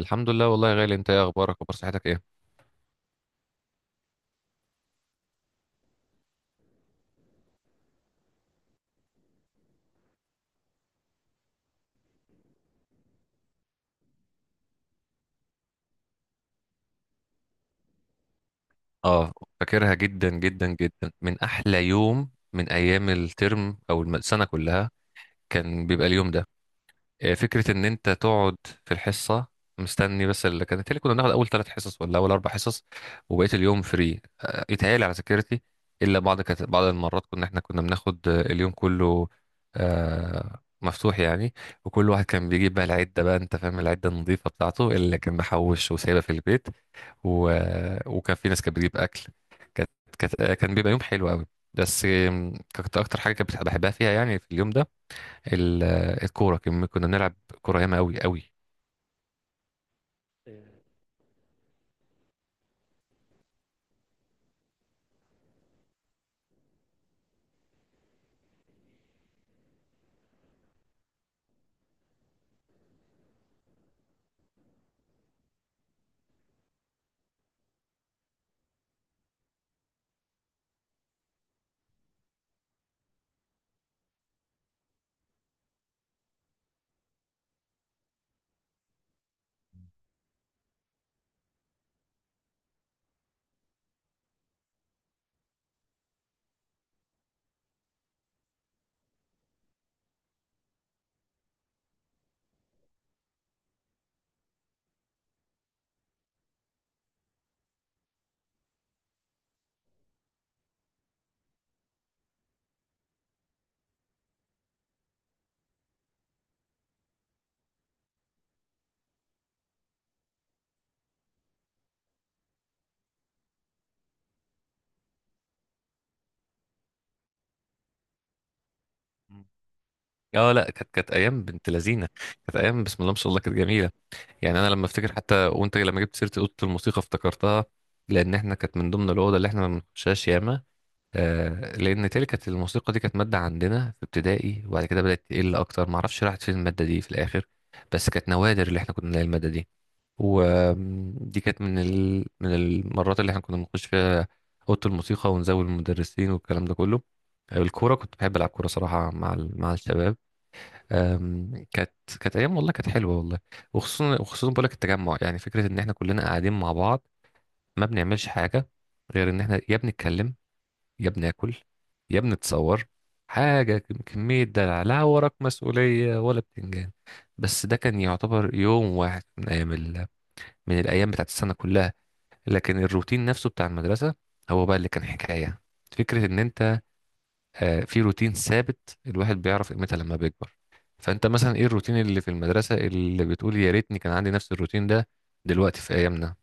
الحمد لله والله يا غالي، انت ايه اخبارك؟ اخبار صحتك ايه؟ اه، فاكرها جدا جدا جدا. من احلى يوم من ايام الترم او السنه كلها كان بيبقى اليوم ده. فكره ان انت تقعد في الحصه مستني، بس اللي كانت، اللي كنا بناخد اول ثلاث حصص ولا اول اربع حصص وبقيه اليوم فري، يتهيألي على ذاكرتي. الا بعض، كانت بعض المرات كنا بناخد اليوم كله، مفتوح يعني. وكل واحد كان بيجيب بقى العده، بقى انت فاهم العده النظيفه بتاعته اللي كان محوش وسايبها في البيت. و... وكان في ناس كانت بتجيب اكل. كانت كان بيبقى يوم حلو قوي. بس كانت اكتر حاجه كنت بحبها فيها يعني في اليوم ده الكوره. كنا بنلعب كوره ياما، قوي قوي. اه، لا، كانت ايام بنت لذينه. كانت ايام بسم الله ما شاء الله، كانت جميله. يعني انا لما افتكر، حتى وانت لما جبت سيره اوضه الموسيقى افتكرتها، لان احنا كانت من ضمن الاوضه اللي احنا ما بنخشهاش ياما. آه، لان تلك كانت الموسيقى دي، كانت ماده عندنا في ابتدائي، وبعد كده بدات تقل. اكتر ما اعرفش راحت فين الماده دي في الاخر. بس كانت نوادر اللي احنا كنا نلاقي الماده دي. ودي كانت من المرات اللي احنا كنا بنخش فيها اوضه الموسيقى ونزود المدرسين والكلام ده كله. الكوره كنت بحب العب كوره صراحه مع الشباب. آم، كانت كانت ايام والله، كانت حلوه والله. وخصوصا، وخصوصا بقول لك التجمع، يعني فكره ان احنا كلنا قاعدين مع بعض ما بنعملش حاجه غير ان احنا يا بنتكلم، يا بناكل، يا بنتصور. حاجة كمية دلع، لا وراك مسؤولية ولا بتنجان. بس ده كان يعتبر يوم واحد من الأيام بتاعت السنة كلها. لكن الروتين نفسه بتاع المدرسة هو بقى اللي كان حكاية. فكرة إن أنت، في روتين ثابت، الواحد بيعرف قيمتها لما بيكبر. فأنت مثلا إيه الروتين اللي في المدرسة اللي بتقول يا ريتني كان عندي نفس الروتين ده دلوقتي في أيامنا؟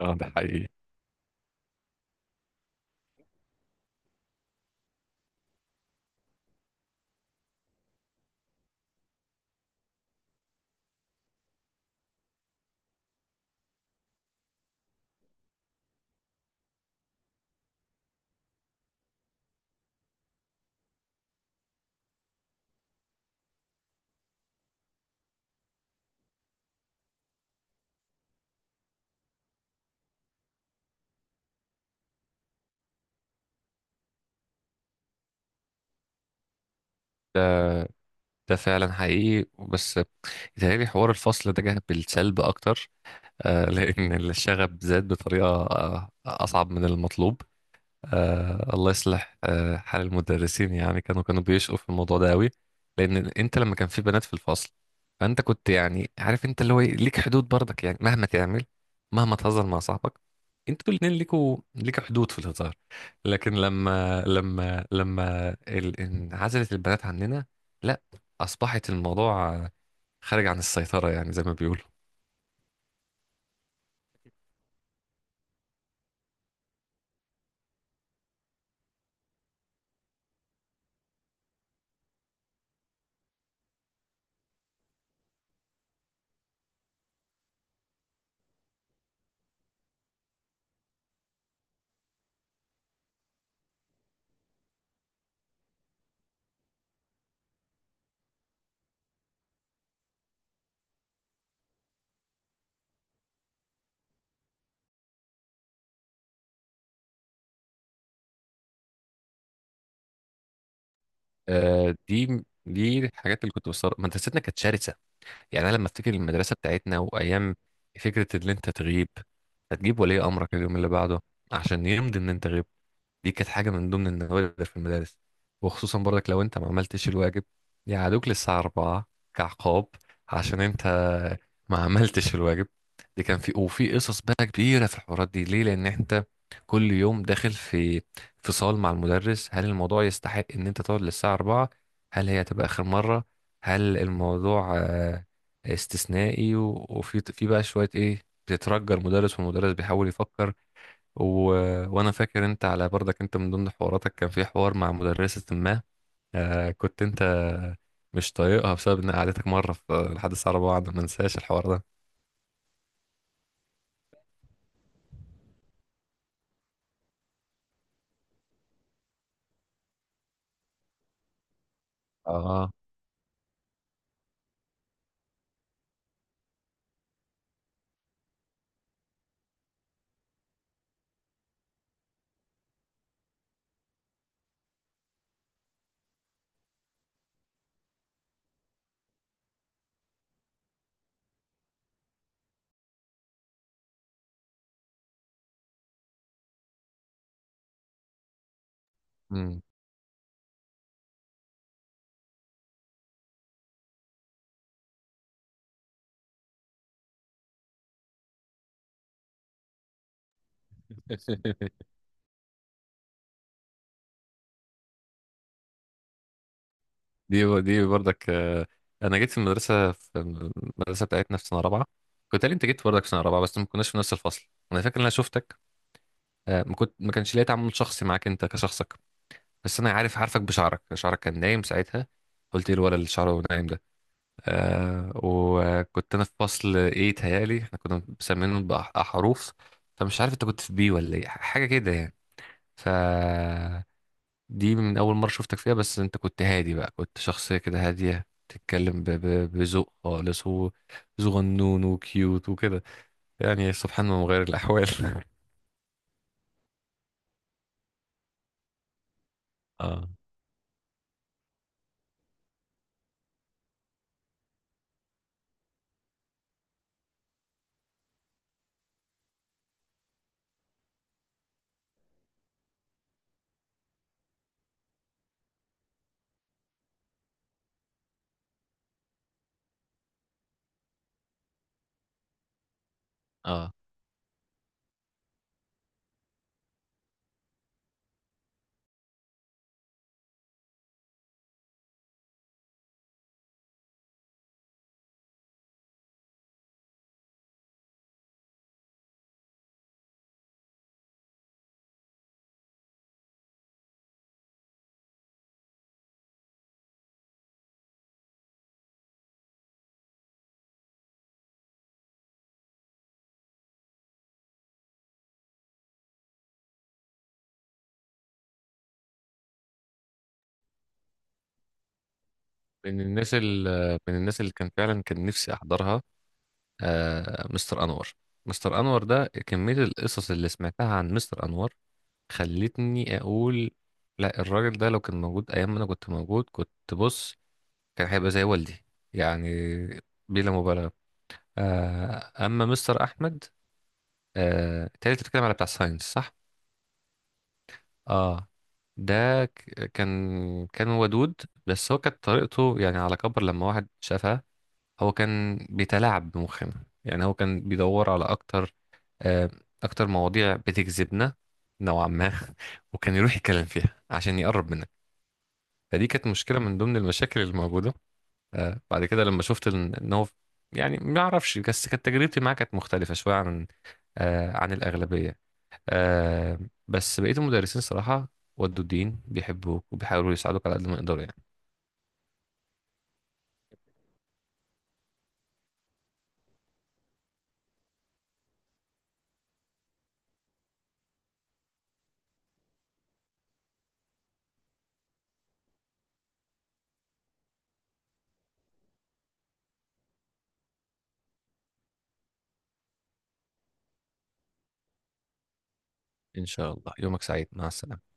اه، ده حقيقي. ده ده فعلا حقيقي، بس بيتهيألي حوار الفصل ده جه بالسلب أكتر. آه، لأن الشغب زاد بطريقة أصعب من المطلوب. الله يصلح حال المدرسين. يعني كانوا بيشقوا في الموضوع ده أوي، لأن أنت لما كان في بنات في الفصل فأنت كنت يعني عارف أنت اللي هو إيه، ليك حدود برضك، يعني مهما تعمل، مهما تهزر مع صاحبك، انتوا الاتنين ليكوا، ليك حدود في الهزار. لكن لما انعزلت البنات عننا، لا، أصبحت الموضوع خارج عن السيطرة، يعني زي ما بيقولوا. دي الحاجات اللي كنت بستغرب. مدرستنا كانت شرسة. يعني أنا لما أفتكر المدرسة بتاعتنا وأيام، فكرة إن أنت تغيب هتجيب ولي أمرك اليوم اللي بعده عشان يمضي إن أنت غبت، دي كانت حاجة من ضمن النوادر في المدارس. وخصوصا برضك لو انت ما عملتش الواجب يقعدوك للساعة 4 كعقاب، عشان انت ما عملتش الواجب. دي كان في، وفي قصص بقى كبيرة في الحوارات دي. ليه؟ لأن انت كل يوم داخل في فصال مع المدرس، هل الموضوع يستحق ان انت تقعد للساعة 4؟ هل هي هتبقى آخر مرة؟ هل الموضوع استثنائي؟ وفي في بقى شوية ايه، بتترجى المدرس والمدرس بيحاول يفكر. و... وانا فاكر انت، على برضك انت من ضمن حواراتك كان في حوار مع مدرسة ما، آه، كنت انت مش طايقها بسبب ان قعدتك مرة في لحد الساعة 4، بعد ما انساش الحوار ده. اه. مم. دي برضك، انا جيت في المدرسه بتاعتنا في سنه رابعه. كنت، قال انت جيت برضك في سنه رابعه، بس ما كناش في نفس الفصل. انا فاكر ان انا شفتك، ما كانش ليا تعامل شخصي معاك انت كشخصك. بس انا عارف، عارفك بشعرك، شعرك كان نايم ساعتها. قلت ايه الولد اللي شعره نايم؟ آه، وكنت انا في فصل ايه، تهيالي احنا كنا مسمينه بأحرف، فمش عارف انت كنت في بي ولا ايه حاجه كده يعني. ف دي من اول مره شفتك فيها، بس انت كنت هادي بقى، كنت شخصيه كده هاديه، تتكلم بذوق خالص وصغنون وكيوت وكده. يعني سبحان الله مغير الاحوال. اه اه، من الناس اللي كان فعلا كان نفسي احضرها آه، مستر انور. مستر انور ده، كميه القصص اللي سمعتها عن مستر انور خلتني اقول لا، الراجل ده لو كان موجود ايام ما انا كنت موجود، كنت بص، كان هيبقى زي والدي، يعني بلا مبالغه. آه، اما مستر احمد، آه تالي، بتتكلم على بتاع ساينس صح؟ اه، ده كان ودود، بس هو كانت طريقته، يعني على كبر لما واحد شافها، هو كان بيتلاعب بمخنا. يعني هو كان بيدور على اكتر، آه، اكتر مواضيع بتجذبنا نوعا ما. وكان يروح يتكلم فيها عشان يقرب منها، فدي كانت مشكلة من ضمن المشاكل الموجودة. بعد كده لما شفت إن هو، يعني ما أعرفش، بس كانت تجربتي معاه كانت مختلفة شوية عن، عن الأغلبية. آه، بس بقية المدرسين صراحة، ودوا الدين، بيحبوك وبيحاولوا يساعدوك على قد ما يقدروا يعني. إن شاء الله، يومك سعيد، مع السلامة.